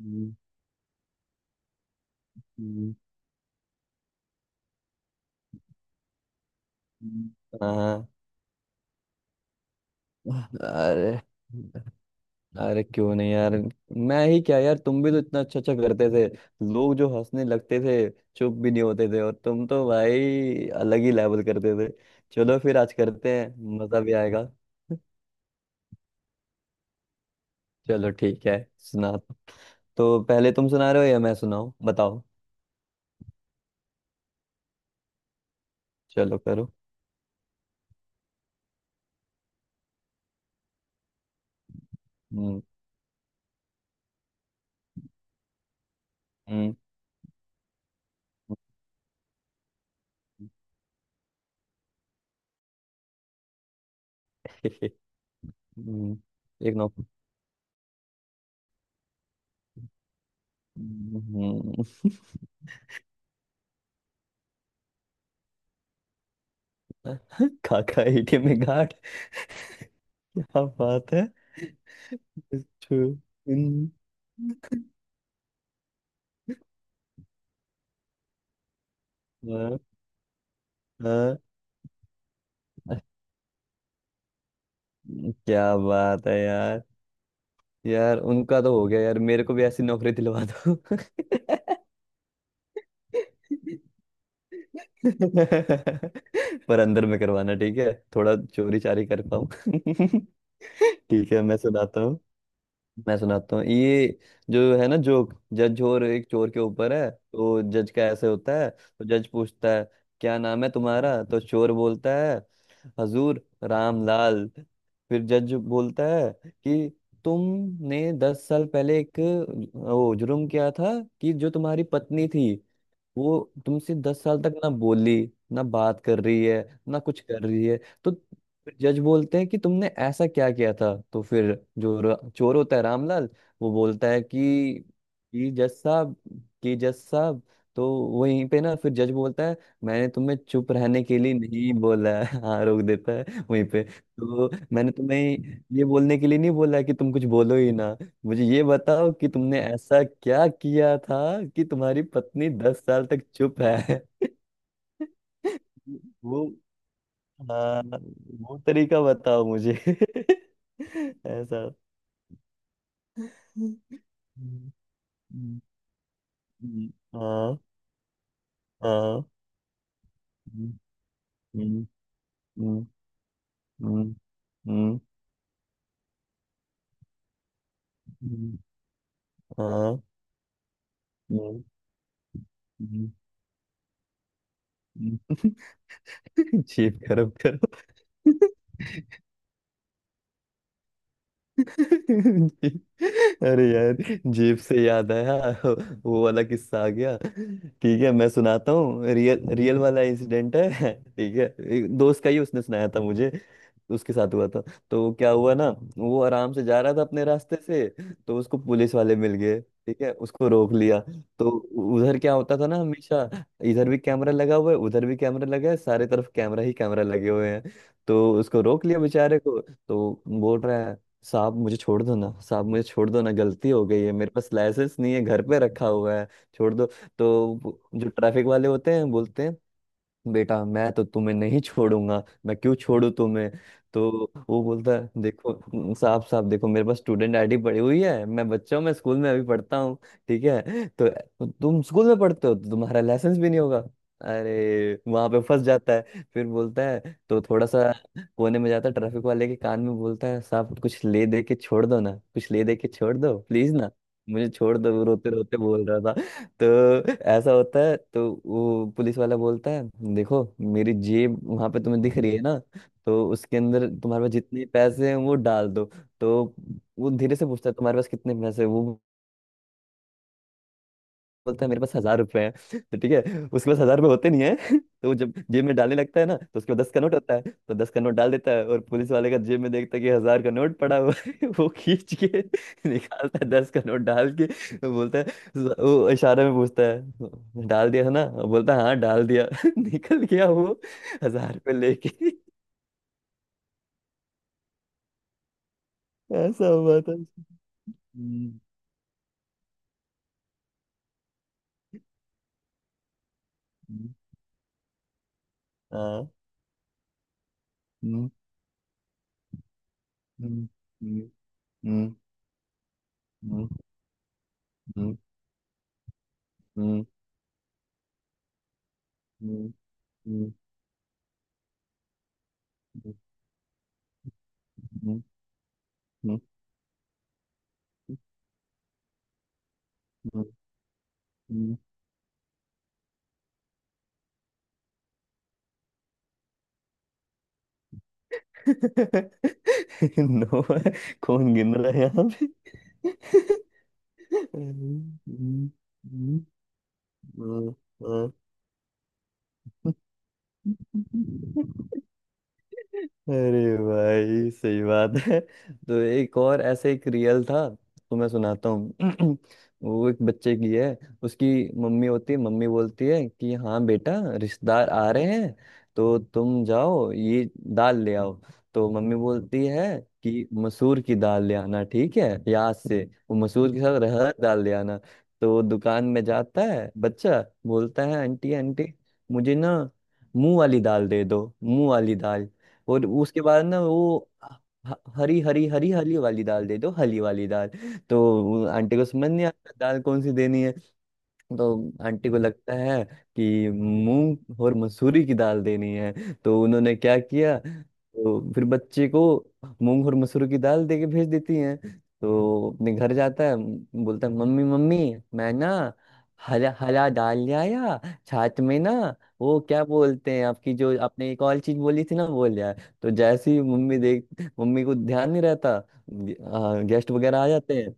हम्म। हम्म। हम्म। हाँ। अरे। अरे, क्यों नहीं यार। मैं ही क्या यार, तुम भी तो इतना अच्छा अच्छा करते थे, लोग जो हंसने लगते थे, चुप भी नहीं होते थे। और तुम तो भाई अलग ही लेवल करते थे। चलो फिर आज करते हैं, मजा भी आएगा। चलो ठीक है, सुना। तो पहले तुम सुना रहे हो या मैं सुनाऊं, बताओ। चलो करो। हम्म। हम्म। हम्म। हम्म। एक नौ हम्म। खाका एटीएम में गार्ड। क्या बात है। two in- हाँ, हाँ। क्या बात है यार। यार, उनका तो हो गया, यार मेरे को भी ऐसी नौकरी दिलवा दो। पर अंदर में करवाना, ठीक है, थोड़ा चोरी चारी कर पाऊं। ठीक है, मैं सुनाता। मैं सुनाता हूँ ये। जो है ना, जोक जज और एक चोर के ऊपर है। तो जज का ऐसे होता है, तो जज पूछता है क्या नाम है तुम्हारा, तो चोर बोलता है हजूर रामलाल। फिर जज बोलता है कि तुमने 10 साल पहले एक वो जुर्म किया था कि जो तुम्हारी पत्नी थी, वो तुमसे 10 साल तक ना बोली, ना बात कर रही है, ना कुछ कर रही है। तो फिर जज बोलते हैं कि तुमने ऐसा क्या किया था। तो फिर जो चोर होता है, रामलाल, वो बोलता है कि जज साहब कि जज साहब, तो वहीं पे ना फिर जज बोलता है मैंने तुम्हें चुप रहने के लिए नहीं बोला है। हाँ, रोक देता है वहीं पे। तो मैंने तुम्हें ये बोलने के लिए नहीं बोला है कि तुम कुछ बोलो ही ना। मुझे ये बताओ कि तुमने ऐसा क्या किया था कि तुम्हारी पत्नी 10 साल तक चुप है। वो हाँ, वो तरीका बताओ मुझे। ऐसा। हम्म। हम्म। हम्म। हाँ। हाँ। हम्म। हम्म। हम्म। हम्म। हम्म। हम्म। हाँ। हम्म। हम्म। हम्म। जीभ खराब करो। अरे यार, जेब से याद आया, वो वाला किस्सा आ गया। ठीक है, मैं सुनाता हूँ, रियल रियल वाला इंसिडेंट है, ठीक है। एक दोस्त का ही, उसने सुनाया था मुझे, उसके साथ हुआ था। तो क्या हुआ ना, वो आराम से जा रहा था अपने रास्ते से। तो उसको पुलिस वाले मिल गए, ठीक है, उसको रोक लिया। तो उधर क्या होता था ना हमेशा, इधर भी कैमरा लगा हुआ है, उधर भी कैमरा लगा है, सारे तरफ कैमरा ही कैमरा लगे हुए हैं। तो उसको रोक लिया बेचारे को। तो बोल रहा है साहब मुझे छोड़ दो ना, साहब मुझे छोड़ दो ना, गलती हो गई है, मेरे पास लाइसेंस नहीं है, घर पे रखा हुआ है, छोड़ दो। तो वो जो ट्रैफिक वाले होते हैं, बोलते हैं बेटा मैं तो तुम्हें नहीं छोड़ूंगा, मैं क्यों छोड़ू तुम्हें। तो वो बोलता है देखो साहब, साहब देखो, मेरे पास स्टूडेंट आईडी पड़ी हुई है, मैं बच्चा हूँ, मैं स्कूल में अभी पढ़ता हूँ, ठीक है। तो तुम स्कूल में पढ़ते हो, तो तुम्हारा लाइसेंस भी नहीं होगा। अरे वहां पे फंस जाता है, फिर बोलता है, तो थोड़ा सा कोने में जाता है, ट्रैफिक वाले के कान में बोलता है साहब कुछ ले दे के छोड़ दो ना, कुछ ले दे के छोड़ दो प्लीज ना, मुझे छोड़ दो। वो रोते रोते बोल रहा था। तो ऐसा होता है, तो वो पुलिस वाला बोलता है देखो, मेरी जेब वहां पे तुम्हें दिख रही है ना, तो उसके अंदर तुम्हारे पास जितने पैसे हैं वो डाल दो। तो वो धीरे से पूछता है तुम्हारे पास कितने पैसे हैं? वो बोलता है मेरे पास 1,000 रुपए हैं। तो ठीक है, उसके पास 1,000 रुपए होते नहीं है। तो वो जब जेब में डालने लगता है ना, तो उसके पास 10 का नोट होता है। तो 10 का नोट डाल देता है और पुलिस वाले का जेब में देखता है कि 1,000 का नोट पड़ा हुआ है। वो खींच के निकालता है, 10 का नोट डाल के। वो बोलता है, वो इशारे में पूछता है डाल दिया है ना, वो बोलता है हाँ डाल दिया। निकल गया वो, 1,000 रुपये लेके। ऐसा हुआ था। हम्म। हम्म। हाँ। हम्म। हम्म। हम्म। हम्म। हम्म। हम्म। हम्म। हम्म। हम्म। हम्म। हम्म। हम्म। हम्म। नो, कौन गिन रहा है यहाँ पे। हम्म। हम्म। हम्म। हम्म। हम्म। हम्म। अरे भाई, सही बात है। तो एक और ऐसे, एक रियल था, तो मैं सुनाता हूँ। वो एक बच्चे की है। उसकी मम्मी होती है, मम्मी बोलती है कि हाँ बेटा, रिश्तेदार आ रहे हैं, तो तुम जाओ ये दाल ले आओ। तो मम्मी बोलती है कि मसूर की दाल ले आना, ठीक है, याद से वो मसूर के साथ रहर दाल ले आना। तो वो दुकान में जाता है बच्चा, बोलता है आंटी आंटी, मुझे ना मुंह वाली दाल दे दो, मुंह वाली दाल। और उसके बाद ना वो हरी हरी हरी हली वाली दाल दे दो, हली वाली दाल। तो वो आंटी को समझ नहीं आता दाल कौन सी देनी है। तो आंटी को लगता है कि मूंग और मसूरी की दाल देनी है। तो उन्होंने क्या किया, तो फिर बच्चे को मूंग और मसूरी की दाल दे के भेज देती हैं। तो अपने घर जाता है, बोलता है मम्मी मम्मी, मैं ना हरा हरा दाल ले आया, छाछ में ना, वो क्या बोलते हैं, आपकी जो आपने एक और चीज बोली थी ना, वो ले आया। तो जैसे ही मम्मी को ध्यान नहीं रहता, गेस्ट वगैरह आ जाते हैं,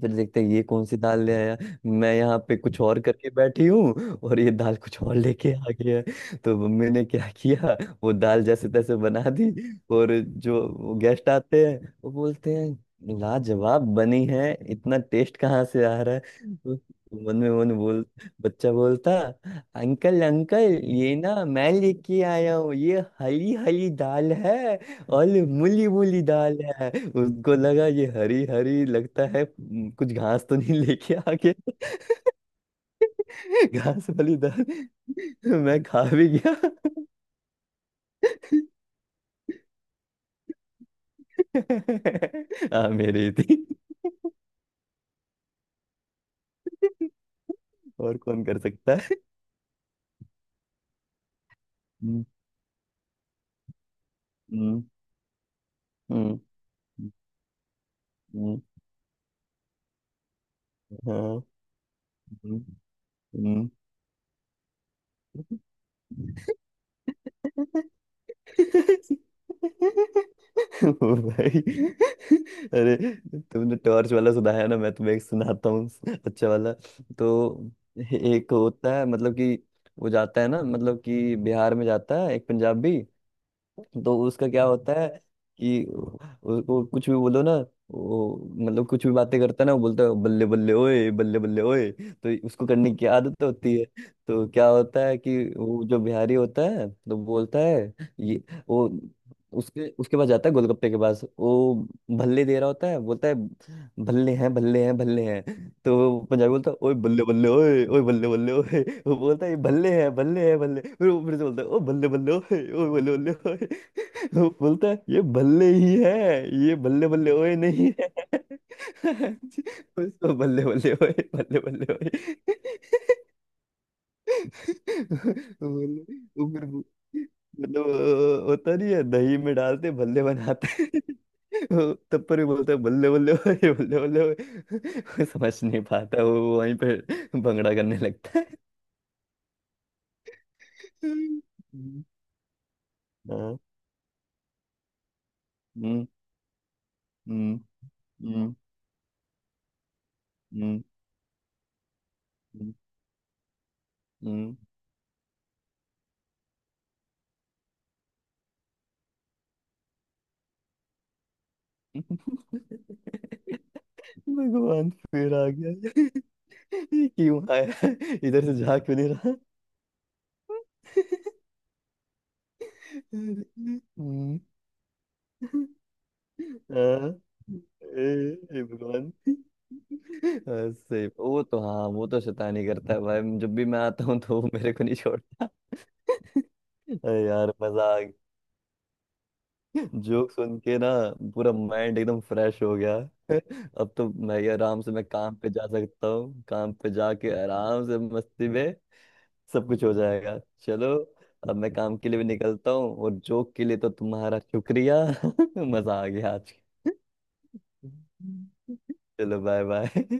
फिर देखते हैं ये कौन सी दाल ले आया। मैं यहाँ पे कुछ और करके बैठी हूँ और ये दाल कुछ और लेके आ गया है। तो मम्मी ने क्या किया, वो दाल जैसे तैसे बना दी। और जो गेस्ट आते हैं, वो बोलते हैं लाजवाब बनी है, इतना टेस्ट कहाँ से आ रहा है। तो मन में मन बोल बच्चा बोलता अंकल अंकल, ये ना मैं लेके आया हूँ, ये हरी हरी दाल है, और मूली मूली दाल है। उसको लगा ये हरी हरी लगता है कुछ घास तो नहीं लेके आ गया। घास वाली दाल मैं खा भी गया। हाँ मेरी ही थी, और कौन कर सकता है। हम्म। हम्म। हम्म। हम्म। हाँ। हम्म। हम्म। ओ भाई। अरे, तुमने टॉर्च वाला सुनाया ना, मैं तुम्हें एक सुनाता हूँ, अच्छा वाला। तो एक होता है, मतलब कि वो जाता है ना, मतलब कि बिहार में जाता है एक पंजाबी। तो उसका क्या होता है कि उसको कुछ भी बोलो ना वो, मतलब कुछ भी बातें करता है ना, वो बोलता है बल्ले बल्ले ओए बल्ले बल्ले ओए, तो उसको करने की आदत होती है। तो क्या होता है कि वो जो बिहारी होता है तो बोलता है ये, वो उसके उसके पास जाता है, गोलगप्पे के पास वो भल्ले दे रहा होता है, बोलता है भल्ले हैं भल्ले हैं भल्ले हैं। तो वो पंजाबी बोलता है ओए बल्ले बल्ले ओए ओए बल्ले बल्ले ओए। वो बोलता है ये भल्ले हैं भल्ले हैं भल्ले। फिर वो फिर से बोलता है ओ बल्ले बल्ले ओए ओए बल्ले बल्ले ओए। तो बोलता है ये बल्ले ही है, ये बल्ले बल्ले ओए नहीं है। उसको बल्ले बल्ले ओए बल्ले बल्ले ओए। बोले वो, फिर मतलब होता नहीं है, दही में डालते बल्ले बनाते हैं। वो तब पर भी बोलता है बल्ले बल्ले ओए बल्ले बल्ले ओए। वो समझ नहीं पाता, वो वहीं पे भंगड़ा करने लगता है। हम्म। हाँ। हम्म। हम्म। हम्म। हम्म। हम्म। हम्म। भगवान फिर आ गया। ये क्यों आया, इधर से जा क्यों नहीं रहा। हम्म। हाँ। ए, ए भगवान। हाँ, सही। वो तो, हाँ, वो तो शैतानी करता है भाई, जब भी मैं आता हूँ तो वो मेरे को नहीं छोड़ता। अरे यार, मजा आ गया। जोक सुन के ना पूरा माइंड एकदम फ्रेश हो गया। अब तो मैं ये आराम से, मैं काम पे जा सकता हूँ, काम पे जाके आराम से मस्ती में सब कुछ हो जाएगा, चलो। अब मैं काम के लिए भी निकलता हूँ, और जोक के लिए तो तुम्हारा शुक्रिया। मजा आ गया आज। चलो बाय बाय।